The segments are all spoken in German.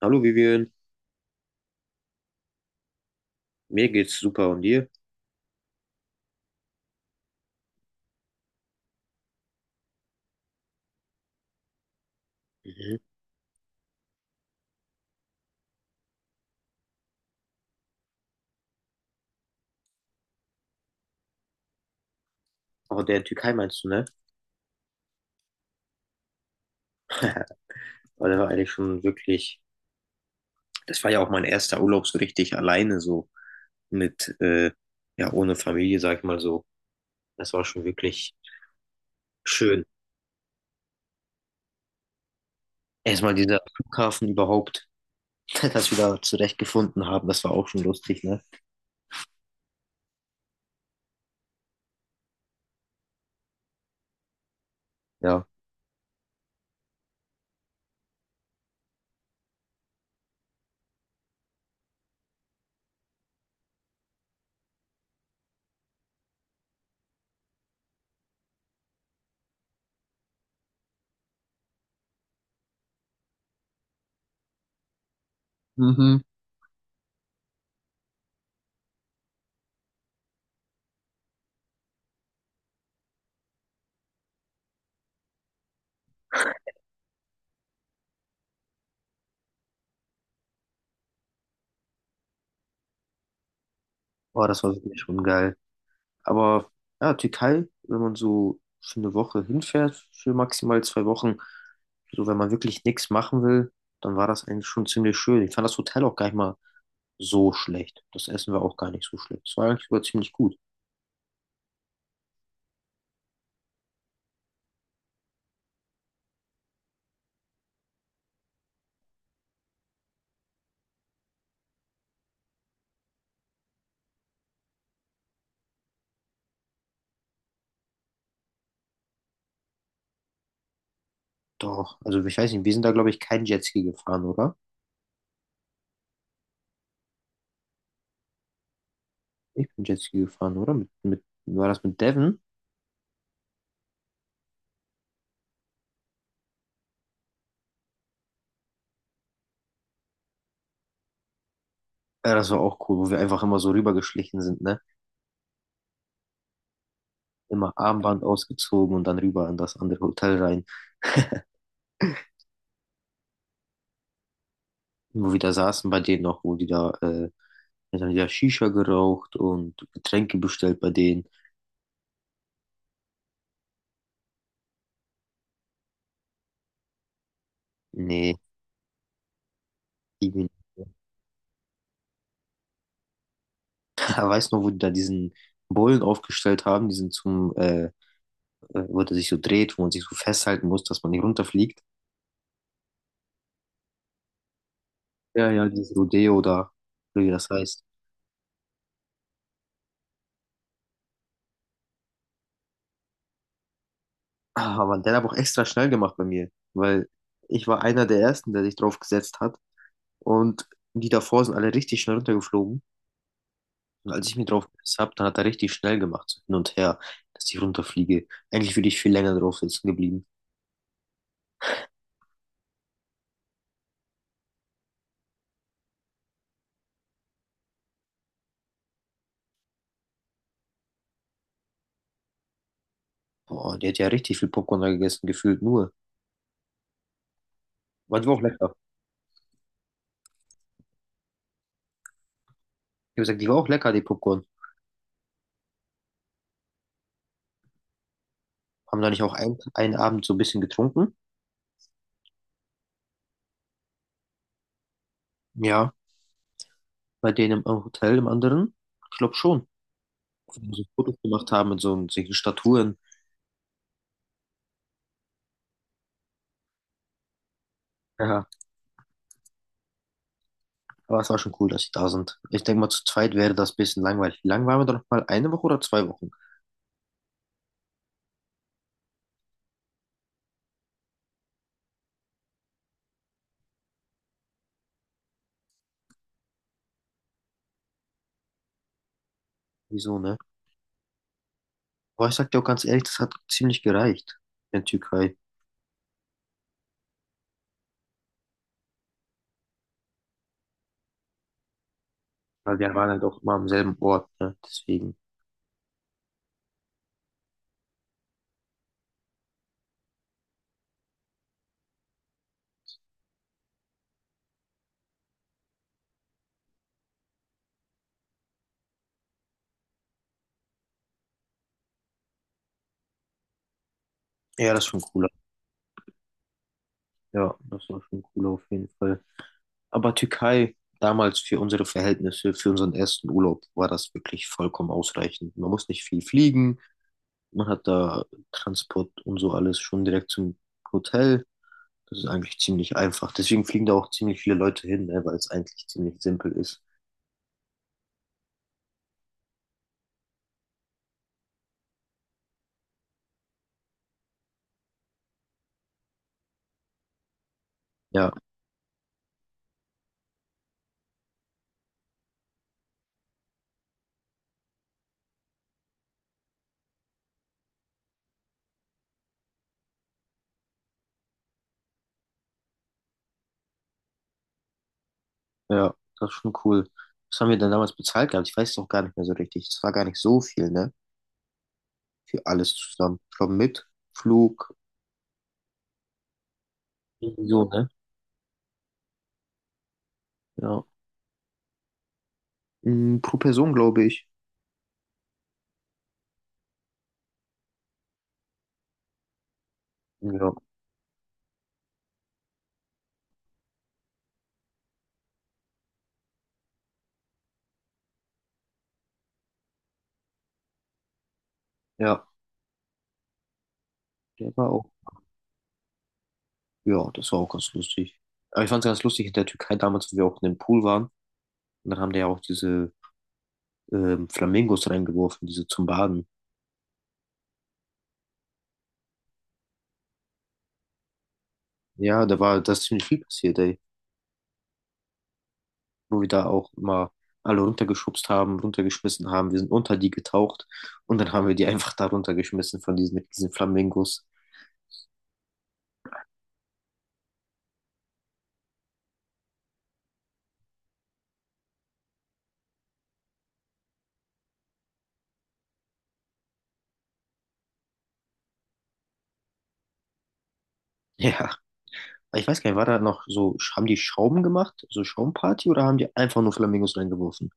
Hallo Vivian, mir geht's super und dir? Mhm. Auch der Türkei meinst du, ne? Weil der war eigentlich schon wirklich, das war ja auch mein erster Urlaub so richtig alleine, so mit, ja, ohne Familie, sag ich mal so. Das war schon wirklich schön. Erstmal dieser Flughafen überhaupt, dass wir da zurechtgefunden haben, das war auch schon lustig, ne? Ja. Mhm. Boah, das war wirklich schon geil. Aber ja, Türkei, wenn man so für eine Woche hinfährt, für maximal zwei Wochen, so wenn man wirklich nichts machen will, dann war das eigentlich schon ziemlich schön. Ich fand das Hotel auch gar nicht mal so schlecht. Das Essen war auch gar nicht so schlecht. Es war eigentlich sogar ziemlich gut. Doch, also ich weiß nicht, wir sind da, glaube ich, kein Jetski gefahren, oder? Ich bin Jetski gefahren, oder? War das mit Devin? Ja, das war auch cool, wo wir einfach immer so rübergeschlichen sind, ne? Immer Armband ausgezogen und dann rüber in das andere Hotel rein. Wo wir da saßen bei denen noch, wo die da, dann haben die da Shisha geraucht und Getränke bestellt bei denen. Nee, irgendwie nicht. Weißt du noch, wo die da diesen Bullen aufgestellt haben, diesen zum, wo der sich so dreht, wo man sich so festhalten muss, dass man nicht runterfliegt? Ja, ja, dieses Rodeo da, oder wie das heißt. Ah, Mann, der hat aber auch extra schnell gemacht bei mir, weil ich war einer der Ersten, der sich drauf gesetzt hat und die davor sind alle richtig schnell runtergeflogen. Und als ich mich drauf gesetzt habe, dann hat er richtig schnell gemacht, so hin und her, dass ich runterfliege. Eigentlich würde ich viel länger drauf sitzen geblieben. Boah, die hat ja richtig viel Popcorn da gegessen, gefühlt nur. Aber die war auch lecker. Ich habe gesagt, die war auch lecker, die Popcorn. Haben da nicht auch einen Abend so ein bisschen getrunken? Ja. Bei denen im Hotel, im anderen? Ich glaube schon. Wo wir so Fotos gemacht haben mit so solchen Statuen. Ja. Aber es war schon cool, dass sie da sind. Ich denke mal, zu zweit wäre das ein bisschen langweilig. Wie lang waren wir da noch mal? Eine Woche oder zwei Wochen? Wieso, ne? Aber ich sag dir auch ganz ehrlich, das hat ziemlich gereicht in der Türkei. Weil wir waren halt auch immer am selben Ort, ne? Deswegen. Ja, das ist schon cooler. Ja, das war schon cooler auf jeden Fall. Aber Türkei, damals für unsere Verhältnisse, für unseren ersten Urlaub, war das wirklich vollkommen ausreichend. Man muss nicht viel fliegen. Man hat da Transport und so alles schon direkt zum Hotel. Das ist eigentlich ziemlich einfach. Deswegen fliegen da auch ziemlich viele Leute hin, ne? Weil es eigentlich ziemlich simpel ist. Ja, ja, das ist schon cool. Was haben wir denn damals bezahlt gehabt? Ich weiß es auch gar nicht mehr so richtig. Es war gar nicht so viel, ne? Für alles zusammen. Ich glaube, mit Flug, irgendwie so, ne? Ja. Mm, pro Person, glaube ich. Ja. Ja. Der war auch, ja, das war auch ganz lustig. Aber ich fand es ganz lustig in der Türkei damals, wo wir auch in dem Pool waren. Und dann haben die ja auch diese Flamingos reingeworfen, diese zum Baden. Ja, da war das ziemlich viel passiert, ey. Wo wir da auch immer alle runtergeschubst haben, runtergeschmissen haben. Wir sind unter die getaucht und dann haben wir die einfach da runtergeschmissen von diesen, mit diesen Flamingos. Ja. Ich weiß gar nicht, war da noch so, haben die Schaum gemacht, so Schaumparty oder haben die einfach nur Flamingos reingeworfen?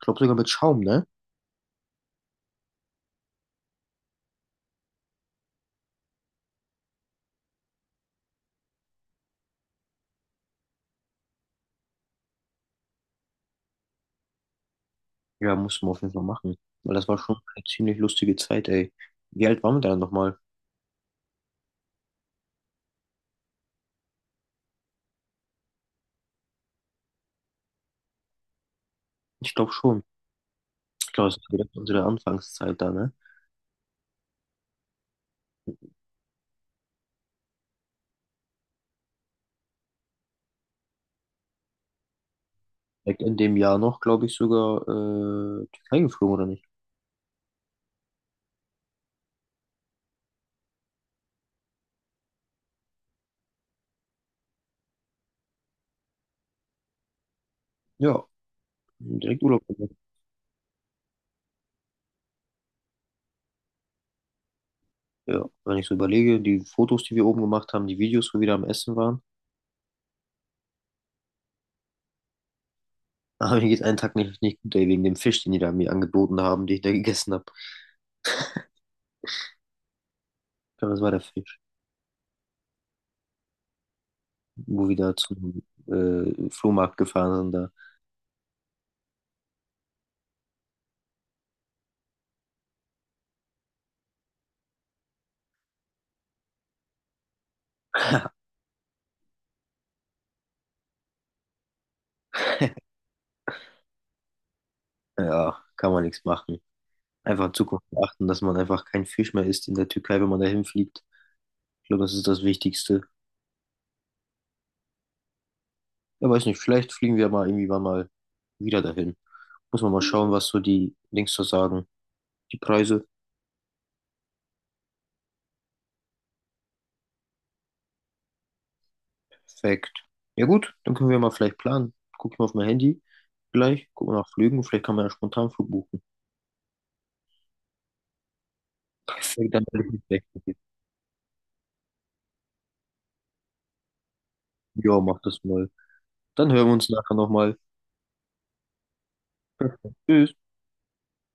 Ich glaube sogar mit Schaum, ne? Ja, muss man auf jeden Fall machen. Weil das war schon eine ziemlich lustige Zeit, ey. Wie alt waren wir da nochmal? Ich glaube schon. Ich glaube, das war direkt unsere Anfangszeit da, ne? Direkt in dem Jahr noch, glaube ich, sogar Türkei geflogen, oder nicht? Ja, direkt Urlaub gemacht. Ja, wenn ich so überlege, die Fotos, die wir oben gemacht haben, die Videos, wo wir da am Essen waren. Aber mir geht's einen Tag nicht gut, ey, wegen dem Fisch, den die da mir angeboten haben, den ich da gegessen habe. Ich glaube, das war der Fisch. Wo wir da zum Flohmarkt gefahren sind, da, ja, kann man nichts machen. Einfach in Zukunft achten, dass man einfach kein Fisch mehr isst in der Türkei, wenn man dahin fliegt. Ich glaube, das ist das Wichtigste. Ja, weiß nicht, vielleicht fliegen wir mal irgendwie wann mal wieder dahin. Muss man mal schauen, was so die Links so sagen. Die Preise, perfekt. Ja gut, dann können wir mal vielleicht planen. Guck ich mal auf mein Handy. Gleich, gucken nach Flügen. Vielleicht kann man ja spontan Flug buchen. Perfekt, dann werde ich mich gleich. Ja, mach das mal. Dann hören wir uns nachher nochmal. Perfekt. Tschüss.